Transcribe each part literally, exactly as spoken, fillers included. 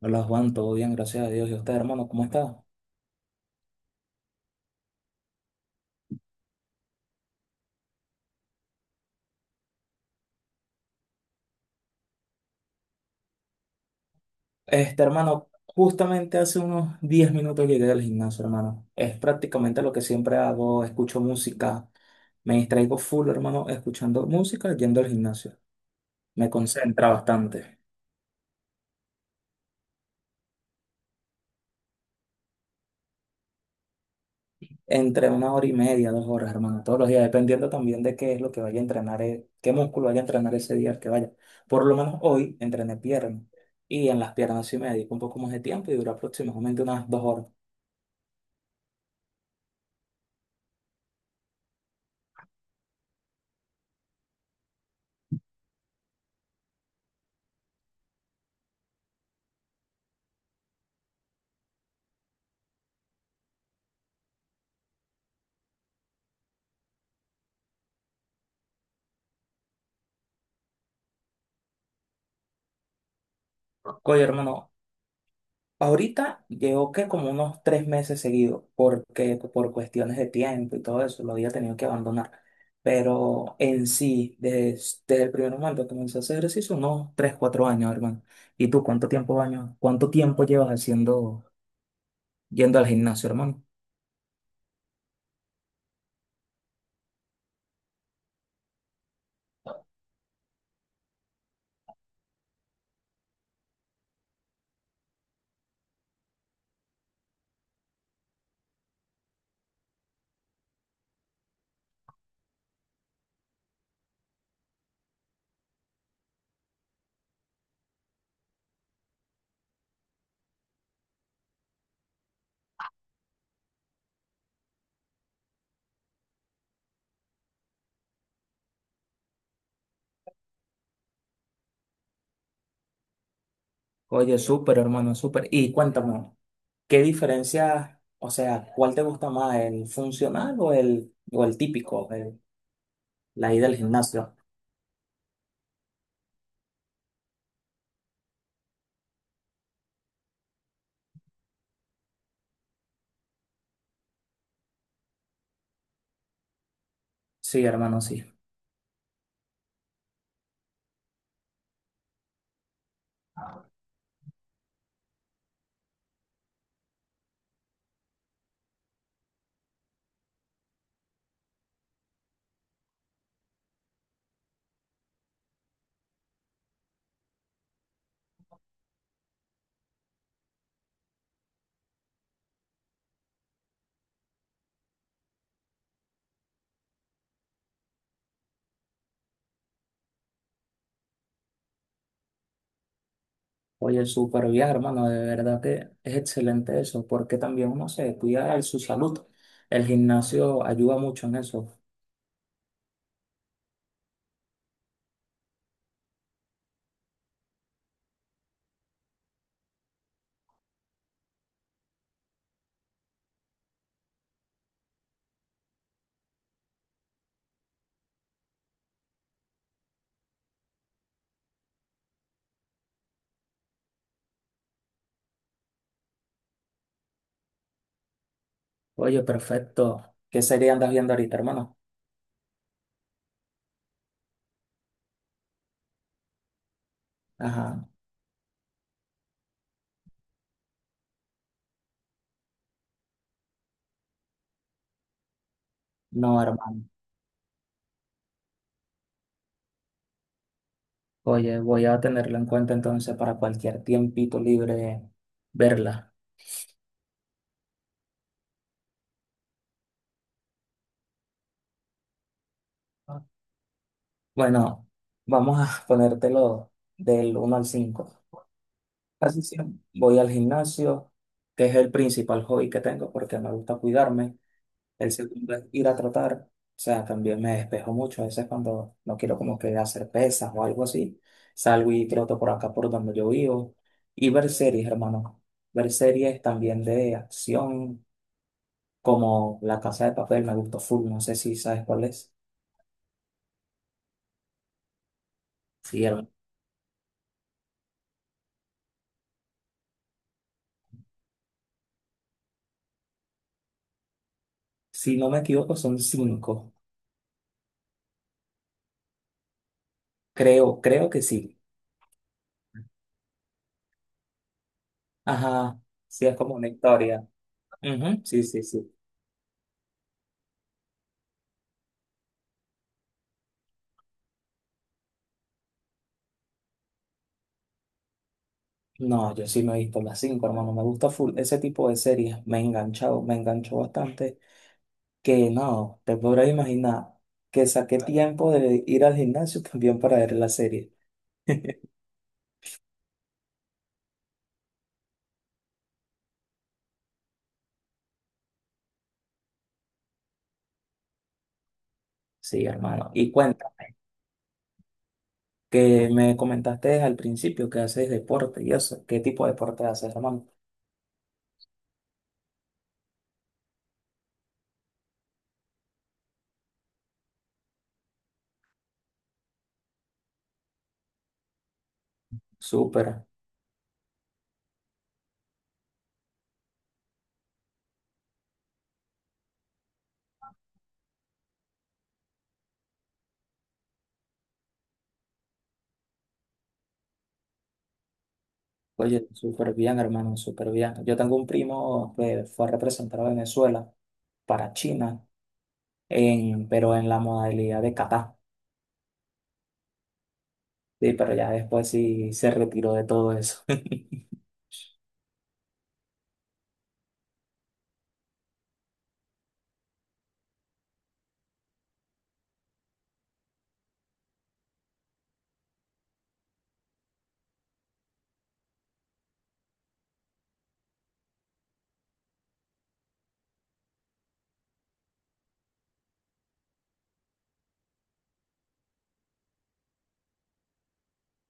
Hola Juan, todo bien, gracias a Dios. ¿Y usted, hermano, cómo está? Este, hermano, justamente hace unos diez minutos llegué del gimnasio, hermano. Es prácticamente lo que siempre hago, escucho música, me distraigo full, hermano, escuchando música, yendo al gimnasio. Me concentra bastante. Entre una hora y media, dos horas, hermano, todos los días, dependiendo también de qué es lo que vaya a entrenar, eh, qué músculo vaya a entrenar ese día al que vaya. Por lo menos hoy entrené piernas y en las piernas sí me dedico un poco más de tiempo y dura aproximadamente unas dos horas. Oye, hermano, ahorita llevo que como unos tres meses seguidos, porque por cuestiones de tiempo y todo eso, lo había tenido que abandonar. Pero en sí, desde el primer momento que comencé a hacer ejercicio, unos tres, cuatro años, hermano. ¿Y tú cuánto tiempo años, cuánto tiempo llevas haciendo, yendo al gimnasio, hermano? Oye, súper, hermano, súper. Y cuéntame, ¿qué diferencia, o sea, cuál te gusta más, el funcional o el, o el típico, el- la ida al gimnasio? Sí, hermano, sí. Oye, súper bien, hermano, de verdad que es excelente eso, porque también uno se cuida de su salud. El gimnasio ayuda mucho en eso. Oye, perfecto. ¿Qué sería andas viendo ahorita, hermano? Ajá, no, hermano. Oye, voy a tenerlo en cuenta entonces para cualquier tiempito libre verla. Bueno, vamos a ponértelo del uno al cinco. Casi siempre voy al gimnasio, que es el principal hobby que tengo porque me gusta cuidarme. El segundo es ir a trotar. O sea, también me despejo mucho. A veces cuando no quiero como que hacer pesas o algo así, salgo y troto por acá por donde yo vivo. Y ver series, hermano. Ver series también de acción, como La Casa de Papel, me gustó full. No sé si sabes cuál es. Sí, hermano. Si no me equivoco, son cinco. Creo, creo que sí. Ajá. Sí, es como una historia. Ujú. Sí, sí, sí. No, yo sí me he visto las cinco, hermano. Me gusta full ese tipo de series. Me he enganchado, me enganchó bastante, que no, te podrás imaginar que saqué tiempo de ir al gimnasio también para ver la serie. Sí, hermano. Y cuéntame, que me comentaste al principio que haces deporte y eso. ¿Qué tipo de deporte haces, hermano? Súper. Oye, súper bien, hermano, súper bien. Yo tengo un primo que fue a representar a Venezuela para China, en, pero en la modalidad de kata. Sí, pero ya después sí se retiró de todo eso.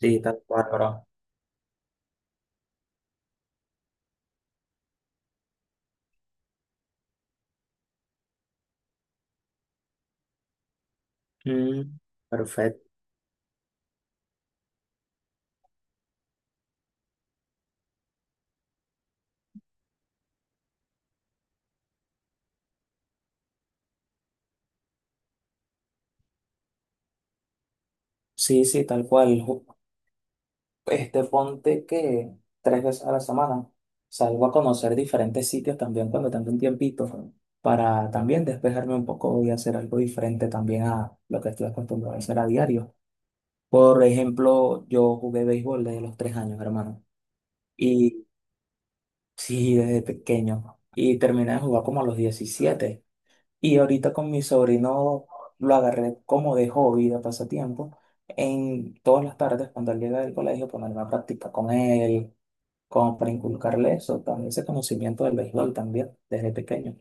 Sí, tal cual, bro. Mm, perfecto. Sí, sí, tal cual. Ju- Este, ponte que tres veces a la semana salgo a conocer diferentes sitios también cuando tengo un tiempito para también despejarme un poco y hacer algo diferente también a lo que estoy acostumbrado a hacer a diario. Por ejemplo, yo jugué béisbol desde los tres años, hermano. Y sí, desde pequeño. Y terminé de jugar como a los diecisiete. Y ahorita con mi sobrino lo agarré como de hobby, de pasatiempo, en todas las tardes cuando él llega del colegio ponerme a practicar con él, como para inculcarle eso, también ese conocimiento del béisbol también, desde pequeño.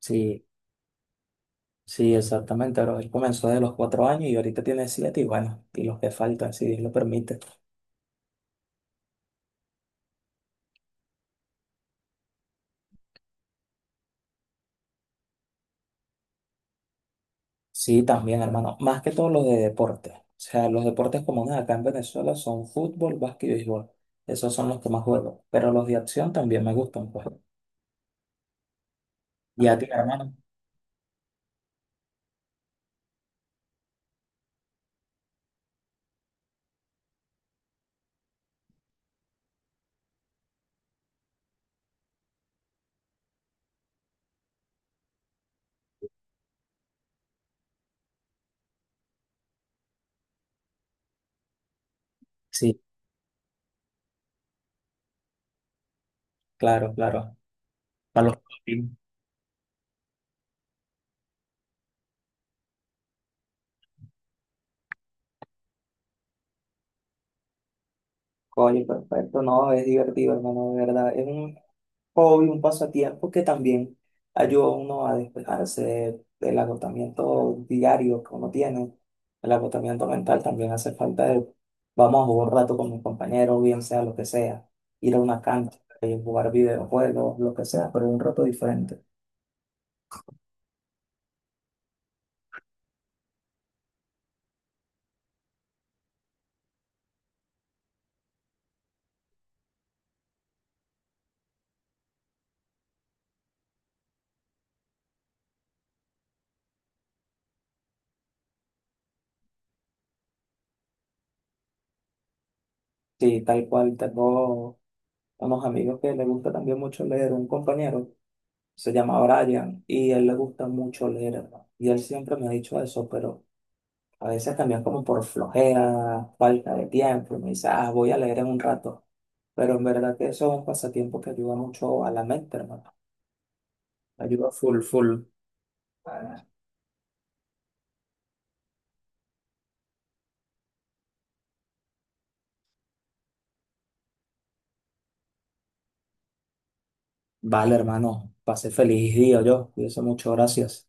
Sí, sí, exactamente, pero él comenzó desde los cuatro años y ahorita tiene siete y bueno, y los que faltan, si Dios lo permite. Sí, también, hermano, más que todo los de deporte. O sea, los deportes comunes acá en Venezuela son fútbol, básquet y béisbol. Esos son los que más juego, pero los de acción también me gustan, pues. Y a ti, hermano. Sí, claro, claro. Para los papi. Oye, perfecto, no, es divertido, hermano, de verdad. Es un hobby, un pasatiempo que también ayuda a uno a despejarse de- del agotamiento diario que uno tiene. El agotamiento mental también hace falta de, vamos a jugar un rato con mis compañeros, bien sea lo que sea, ir a una cancha, eh, jugar videojuegos, lo que sea, pero un rato diferente. Sí, tal cual, tengo unos amigos que les gusta también mucho leer, un compañero. Se llama Brian y a él le gusta mucho leer, hermano. Y él siempre me ha dicho eso, pero a veces también como por flojera, falta de tiempo, y me dice, ah, voy a leer en un rato. Pero en verdad que eso es un pasatiempo que ayuda mucho a la mente, hermano. Ayuda full, full. Vale, hermano, pase feliz día yo. Cuídese mucho, gracias.